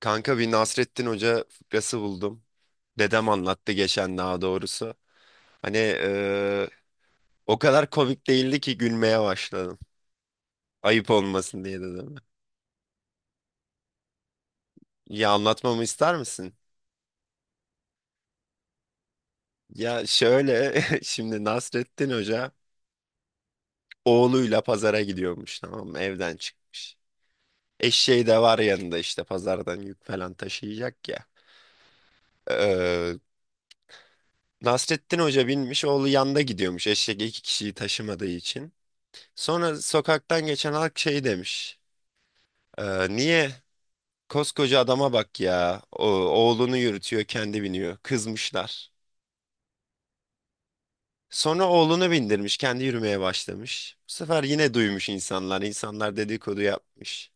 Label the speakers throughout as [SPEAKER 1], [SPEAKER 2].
[SPEAKER 1] Kanka bir Nasrettin Hoca fıkrası buldum. Dedem anlattı geçen daha doğrusu. Hani o kadar komik değildi ki gülmeye başladım. Ayıp olmasın diye dedim. Ya anlatmamı ister misin? Ya şöyle şimdi Nasrettin Hoca oğluyla pazara gidiyormuş, tamam mı? Evden çıkmış. Eşeği de var yanında, işte pazardan yük falan taşıyacak ya. Eee, Nasrettin Hoca binmiş, oğlu yanda gidiyormuş, eşek iki kişiyi taşımadığı için. Sonra sokaktan geçen halk şey demiş. Niye? Koskoca adama bak ya. O, oğlunu yürütüyor, kendi biniyor. Kızmışlar. Sonra oğlunu bindirmiş, kendi yürümeye başlamış. Bu sefer yine duymuş insanlar. İnsanlar dedikodu yapmış.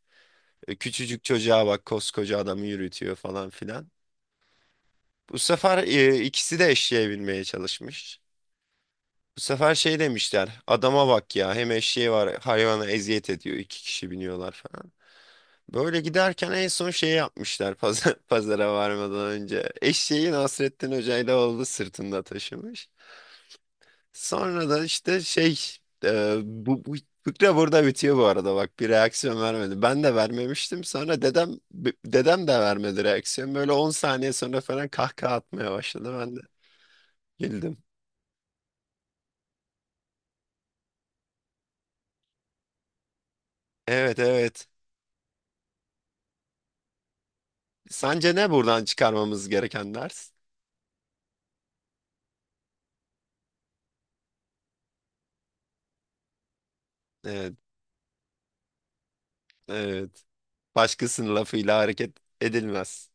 [SPEAKER 1] Küçücük çocuğa bak, koskoca adamı yürütüyor falan filan. Bu sefer ikisi de eşeğe binmeye çalışmış. Bu sefer şey demişler, adama bak ya, hem eşeği var, hayvana eziyet ediyor, iki kişi biniyorlar falan. Böyle giderken en son şey yapmışlar pazar, pazara varmadan önce. Eşeği Nasrettin Hoca oldu sırtında taşımış. Sonra da işte şey bu fıkra burada bitiyor. Bu arada bak, bir reaksiyon vermedi. Ben de vermemiştim, sonra dedem de vermedi reaksiyon. Böyle 10 saniye sonra falan kahkaha atmaya başladı, ben de güldüm. Evet evet. Sence ne buradan çıkarmamız gereken ders? Evet evet. Başkasının lafıyla hareket edilmez.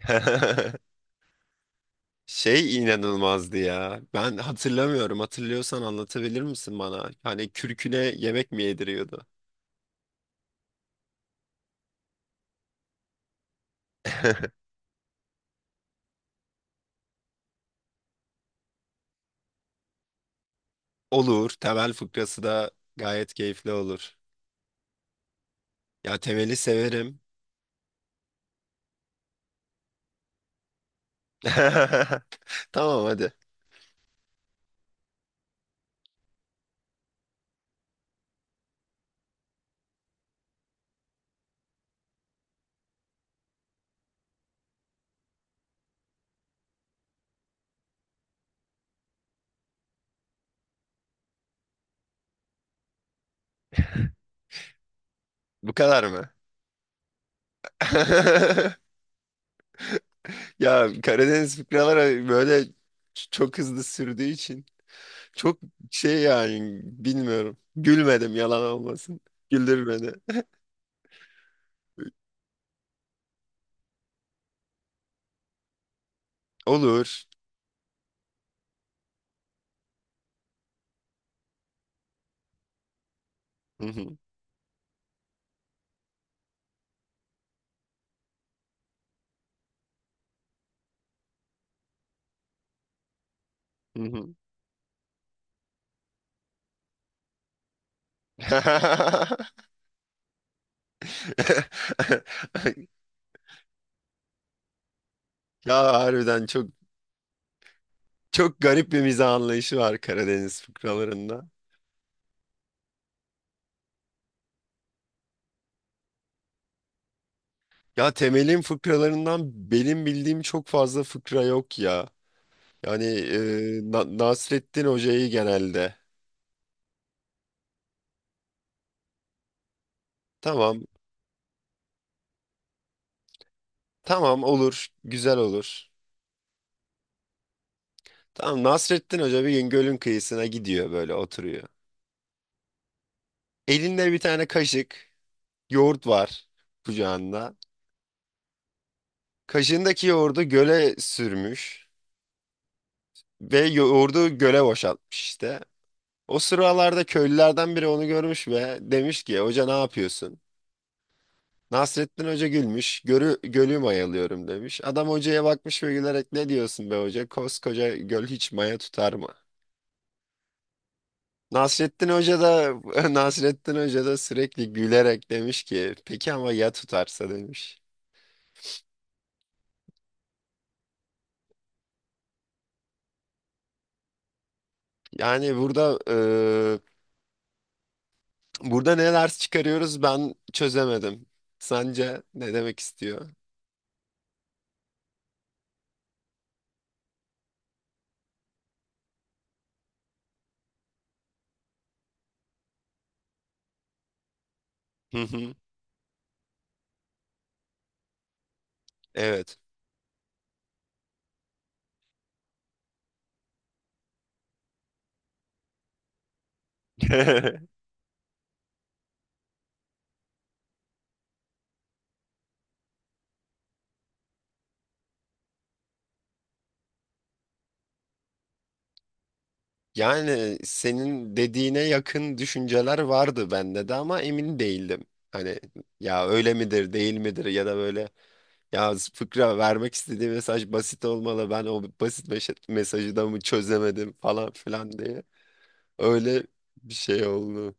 [SPEAKER 1] Şey inanılmazdı ya. Ben hatırlamıyorum. Hatırlıyorsan anlatabilir misin bana? Hani kürküne yemek mi yediriyordu? Olur. Temel fıkrası da gayet keyifli olur. Ya Temel'i severim. Tamam hadi. Bu kadar mı? Ya Karadeniz fıkraları böyle çok hızlı sürdüğü için çok şey, yani bilmiyorum. Gülmedim, yalan olmasın. Güldür beni. Olur. Hı hı, hı hı. Ya harbiden çok çok garip bir mizah anlayışı var Karadeniz fıkralarında. Ya Temel'in fıkralarından benim bildiğim çok fazla fıkra yok ya. Yani Nasrettin Hoca'yı genelde. Tamam, tamam olur, güzel olur. Tamam, Nasrettin Hoca bir gün gölün kıyısına gidiyor, böyle oturuyor. Elinde bir tane kaşık, yoğurt var kucağında. Kaşığındaki yoğurdu göle sürmüş ve yoğurdu göle boşaltmış işte. O sıralarda köylülerden biri onu görmüş ve demiş ki hoca ne yapıyorsun? Nasrettin Hoca gülmüş, gölü mayalıyorum demiş. Adam hocaya bakmış ve gülerek ne diyorsun be hoca? Koskoca göl hiç maya tutar mı? Nasrettin Hoca da Nasrettin Hoca da sürekli gülerek demiş ki peki ama ya tutarsa demiş. Yani burada burada ne ders çıkarıyoruz, ben çözemedim. Sence ne demek istiyor? Hı hı. Evet. Yani senin dediğine yakın düşünceler vardı bende de ama emin değildim. Hani ya öyle midir değil midir, ya da böyle ya fıkra vermek istediği mesaj basit olmalı, ben o basit mesajı da mı çözemedim falan filan diye. Öyle bir şey oldu.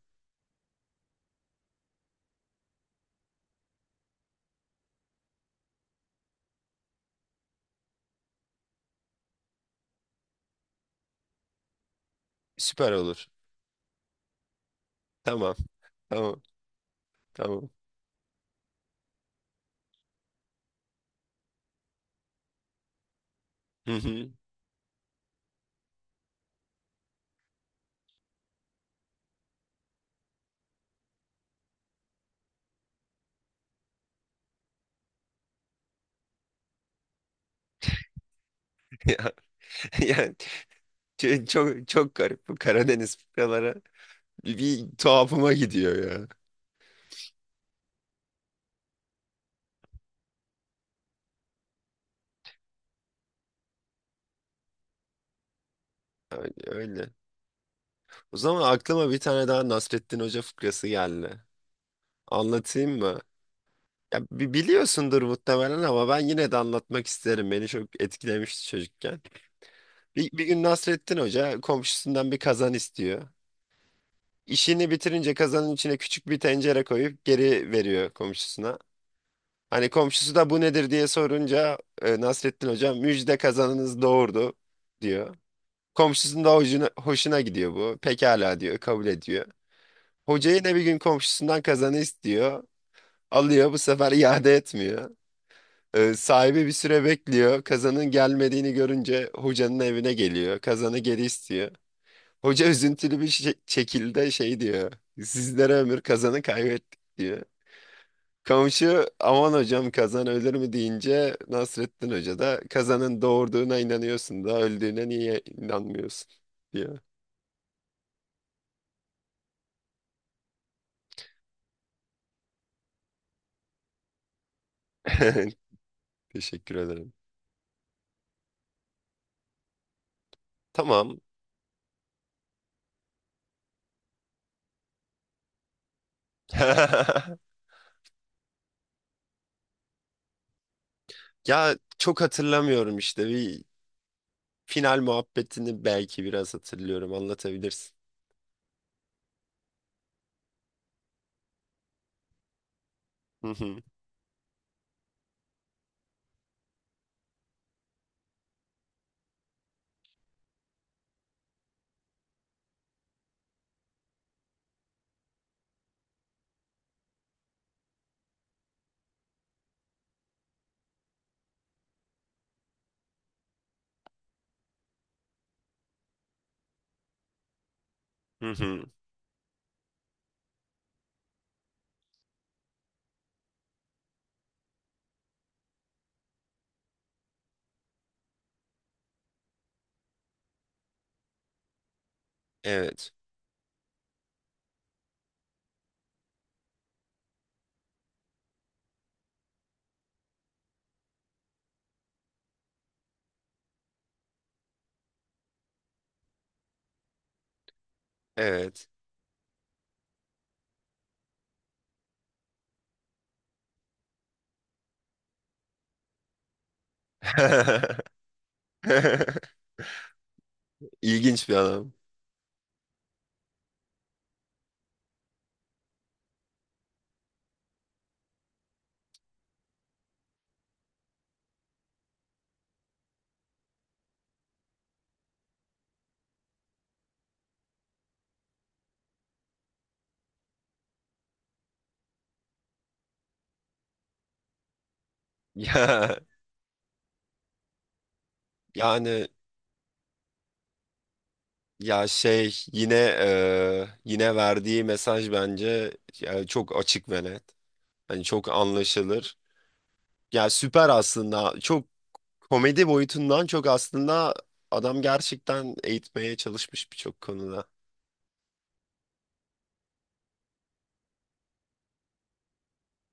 [SPEAKER 1] Süper olur. Tamam tamam tamam. Hı hı. Ya, yani çok çok garip bu Karadeniz fıkraları, bir tuhafıma gidiyor ya. Öyle, öyle. O zaman aklıma bir tane daha Nasrettin Hoca fıkrası geldi. Anlatayım mı? Ya biliyorsundur muhtemelen ama ben yine de anlatmak isterim. Beni çok etkilemişti çocukken. Bir gün Nasrettin Hoca komşusundan bir kazan istiyor. İşini bitirince kazanın içine küçük bir tencere koyup geri veriyor komşusuna. Hani komşusu da bu nedir diye sorunca Nasrettin Hoca müjde kazanınız doğurdu diyor. Komşusunun da hoşuna gidiyor bu. Pekala diyor, kabul ediyor. Hoca yine bir gün komşusundan kazanı istiyor. Alıyor, bu sefer iade etmiyor. Sahibi bir süre bekliyor. Kazanın gelmediğini görünce hocanın evine geliyor. Kazanı geri istiyor. Hoca üzüntülü bir şekilde şey diyor. Sizlere ömür, kazanı kaybettik diyor. Komşu aman hocam kazan ölür mü deyince Nasrettin Hoca da kazanın doğurduğuna inanıyorsun da öldüğüne niye inanmıyorsun diyor. Teşekkür ederim. Tamam. Ya çok hatırlamıyorum, işte bir final muhabbetini belki biraz hatırlıyorum, anlatabilirsin. Hı hı, hı hı. Evet. Evet. İlginç bir adam. Ya yani ya şey yine yine verdiği mesaj bence ya, çok açık ve net. Hani çok anlaşılır. Ya süper aslında. Çok komedi boyutundan çok aslında adam gerçekten eğitmeye çalışmış birçok konuda.